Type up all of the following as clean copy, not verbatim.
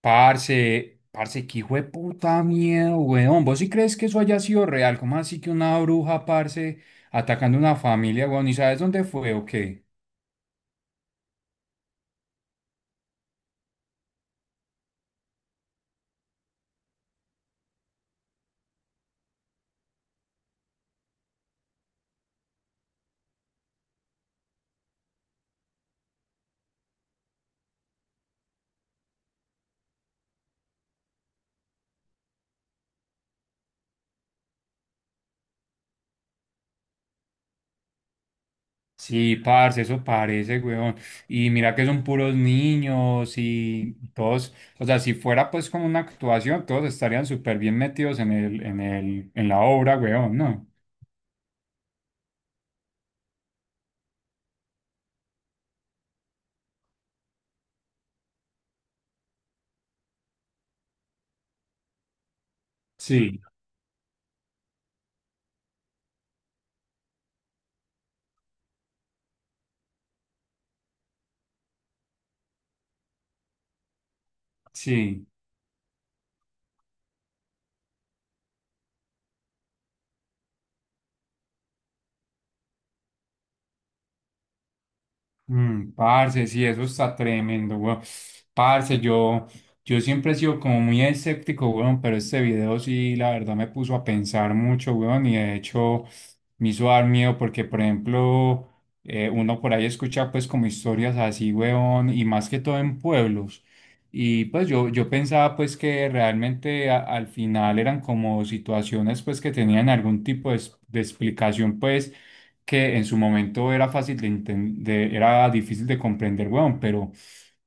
Parce, qué hijo de puta miedo, weón. ¿Vos sí crees que eso haya sido real? ¿Cómo así que una bruja, parce, atacando una familia, weón? ¿Y sabes dónde fue o qué? Sí, parce, eso parece, weón. Y mira que son puros niños y todos, o sea, si fuera pues como una actuación, todos estarían súper bien metidos en la obra, weón, ¿no? Sí, sí. Mm, parce, sí, eso está tremendo, weón. Parce, yo siempre he sido como muy escéptico, weón, pero este video sí, la verdad me puso a pensar mucho, weón, y de hecho me hizo dar miedo porque, por ejemplo, uno por ahí escucha pues como historias así, weón, y más que todo en pueblos. Y pues yo pensaba pues que realmente al final eran como situaciones pues que tenían algún tipo de, de explicación pues que en su momento era fácil de entender, era difícil de comprender, weón, pero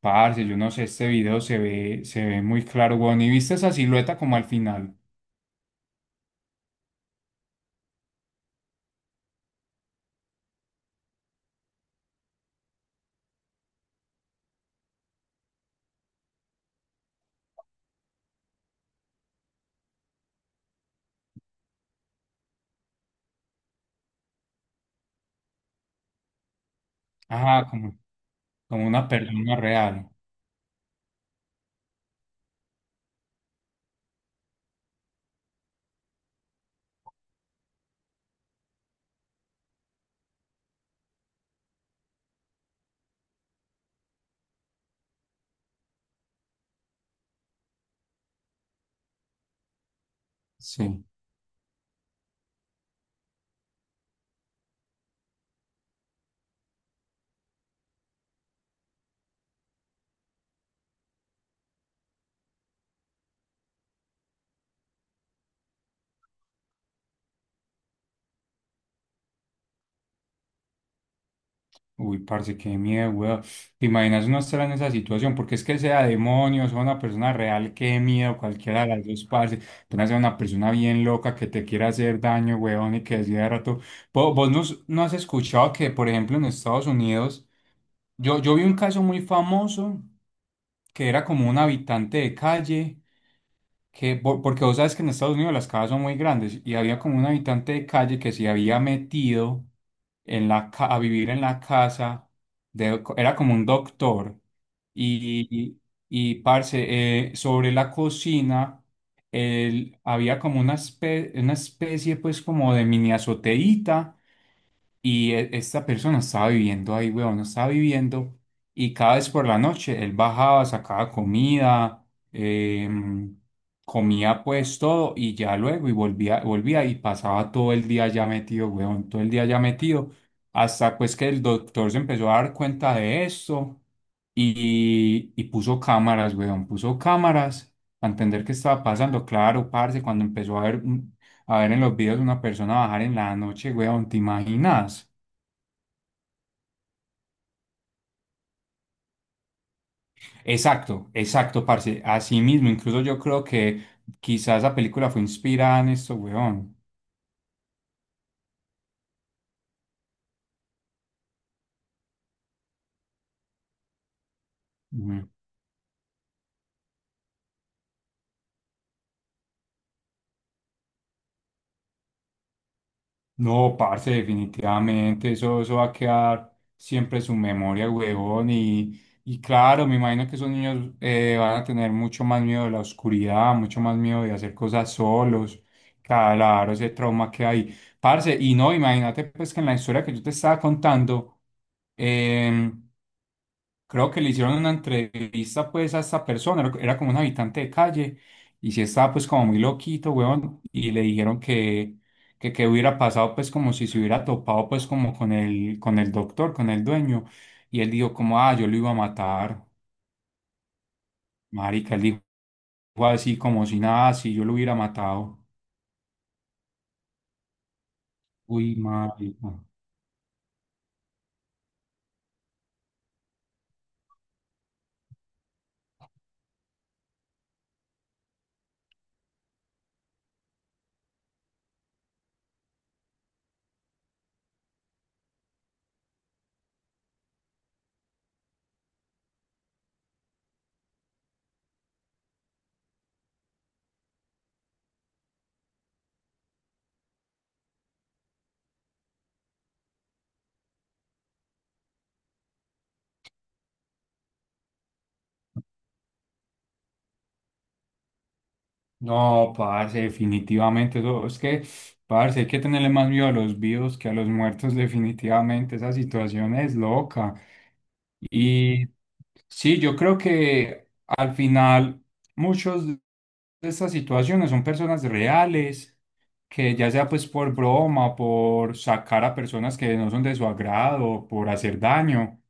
parce, yo no sé, este video se ve muy claro, weón, y viste esa silueta como al final, ajá, como, como una persona real, sí. Uy, parce, qué miedo, weón, te imaginas uno estar en esa situación, porque es que sea demonios o una persona real, qué miedo, cualquiera de las dos, parce, apenas sea una persona bien loca que te quiera hacer daño, weón, y que decía de rato, vos vos no, no has escuchado que, por ejemplo, en Estados Unidos, yo vi un caso muy famoso que era como un habitante de calle, que, porque vos sabes que en Estados Unidos las casas son muy grandes y había como un habitante de calle que se había metido en la, a vivir en la casa, de, era como un doctor y, y, parce, sobre la cocina él, había como una, una especie pues como de mini azoteíta y esta persona estaba viviendo ahí, weón, no estaba viviendo. Y cada vez por la noche él bajaba, sacaba comida, em, comía pues todo y ya luego y volvía y pasaba todo el día ya metido, weón, todo el día ya metido. Hasta pues que el doctor se empezó a dar cuenta de esto y puso cámaras, weón, puso cámaras para entender qué estaba pasando. Claro, parce, cuando empezó a ver en los videos una persona bajar en la noche, weón, ¿te imaginas? Exacto, exacto, parce. Así mismo, incluso yo creo que quizás esa película fue inspirada en esto, weón. No, parce, definitivamente, eso va a quedar siempre en su memoria, huevón, y claro, me imagino que esos niños van a tener mucho más miedo de la oscuridad, mucho más miedo de hacer cosas solos, claro, ese trauma que hay, parce, y no, imagínate pues que en la historia que yo te estaba contando, em, creo que le hicieron una entrevista pues a esta persona, era como un habitante de calle y sí estaba pues como muy loquito, weón, y le dijeron que qué hubiera pasado pues como si se hubiera topado pues como con el doctor, con el dueño y él dijo como, "Ah, yo lo iba a matar." Marica, él dijo así como si nada, si yo lo hubiera matado. Uy, marica. No, parce, definitivamente. Eso, es que, parce, hay que tenerle más miedo a los vivos que a los muertos, definitivamente. Esa situación es loca. Y sí, yo creo que al final muchos de estas situaciones son personas reales, que ya sea pues por broma, por sacar a personas que no son de su agrado, por hacer daño,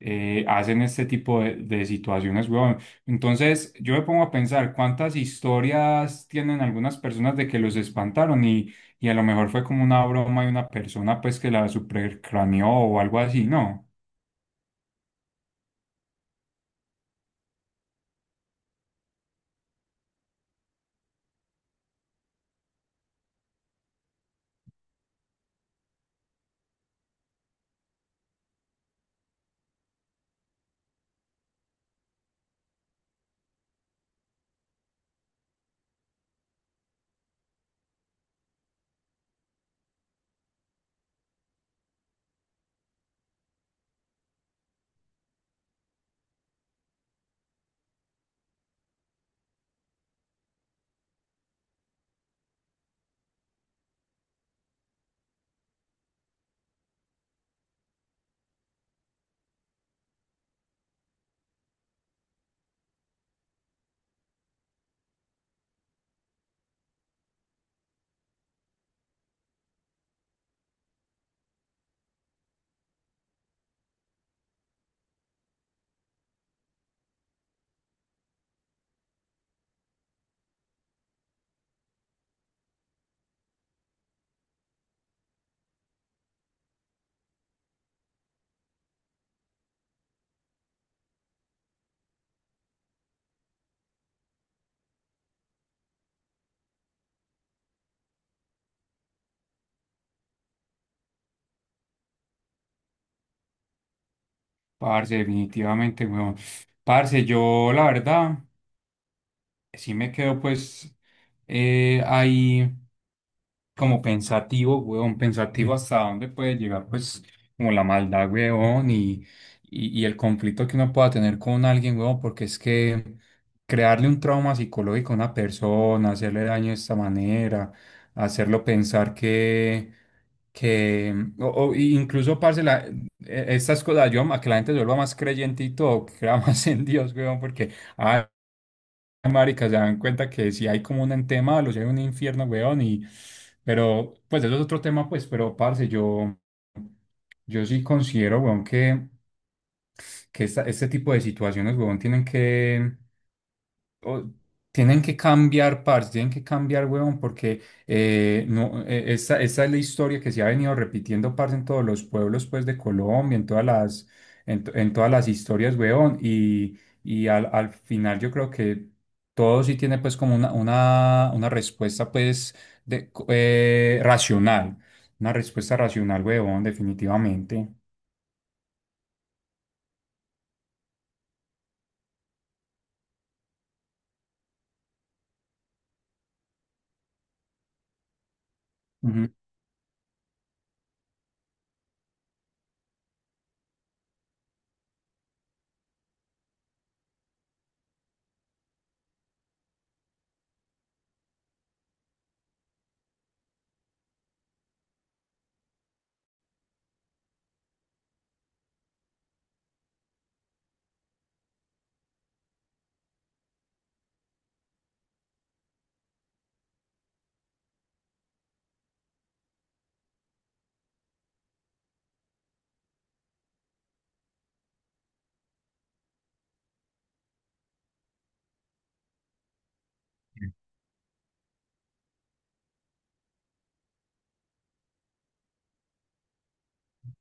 hacen este tipo de situaciones, weón. Entonces, yo me pongo a pensar cuántas historias tienen algunas personas de que los espantaron y a lo mejor fue como una broma de una persona pues que la supercraneó o algo así, ¿no? Parce, definitivamente, weón. Parce, yo la verdad sí me quedo pues ahí, como pensativo, weón, pensativo hasta dónde puede llegar, pues, como la maldad, weón, y, y el conflicto que uno pueda tener con alguien, weón, porque es que crearle un trauma psicológico a una persona, hacerle daño de esta manera, hacerlo pensar que, o incluso, parce, estas cosas, yo, a que la gente se vuelva más creyente y todo, que crea más en Dios, weón, porque, ah, marica, se dan cuenta que si hay como un ente malo, si hay un infierno, weón, y... Pero, pues, eso es otro tema, pues, pero, parce, yo sí considero, weón, que este tipo de situaciones, weón, tienen que o- tienen que cambiar parts, tienen que cambiar, huevón, porque no, esta, esta es la historia que se ha venido repitiendo, parce, en todos los pueblos, pues, de Colombia, en todas en todas las historias, huevón, y, al final yo creo que todo sí tiene, pues, como una respuesta, pues, racional, una respuesta racional, huevón, definitivamente. Ujú.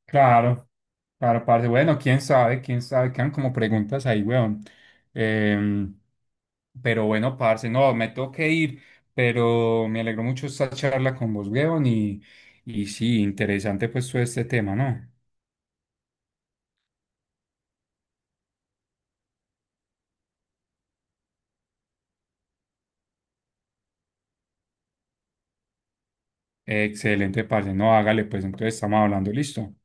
Claro, claro, parce. Bueno, quién sabe, quedan como preguntas ahí, weón. Em, pero bueno, parce, no, me tengo que ir, pero me alegró mucho esta charla con vos, weón, y sí, interesante pues todo este tema, ¿no? Excelente, parce. No, hágale, pues entonces estamos hablando, listo.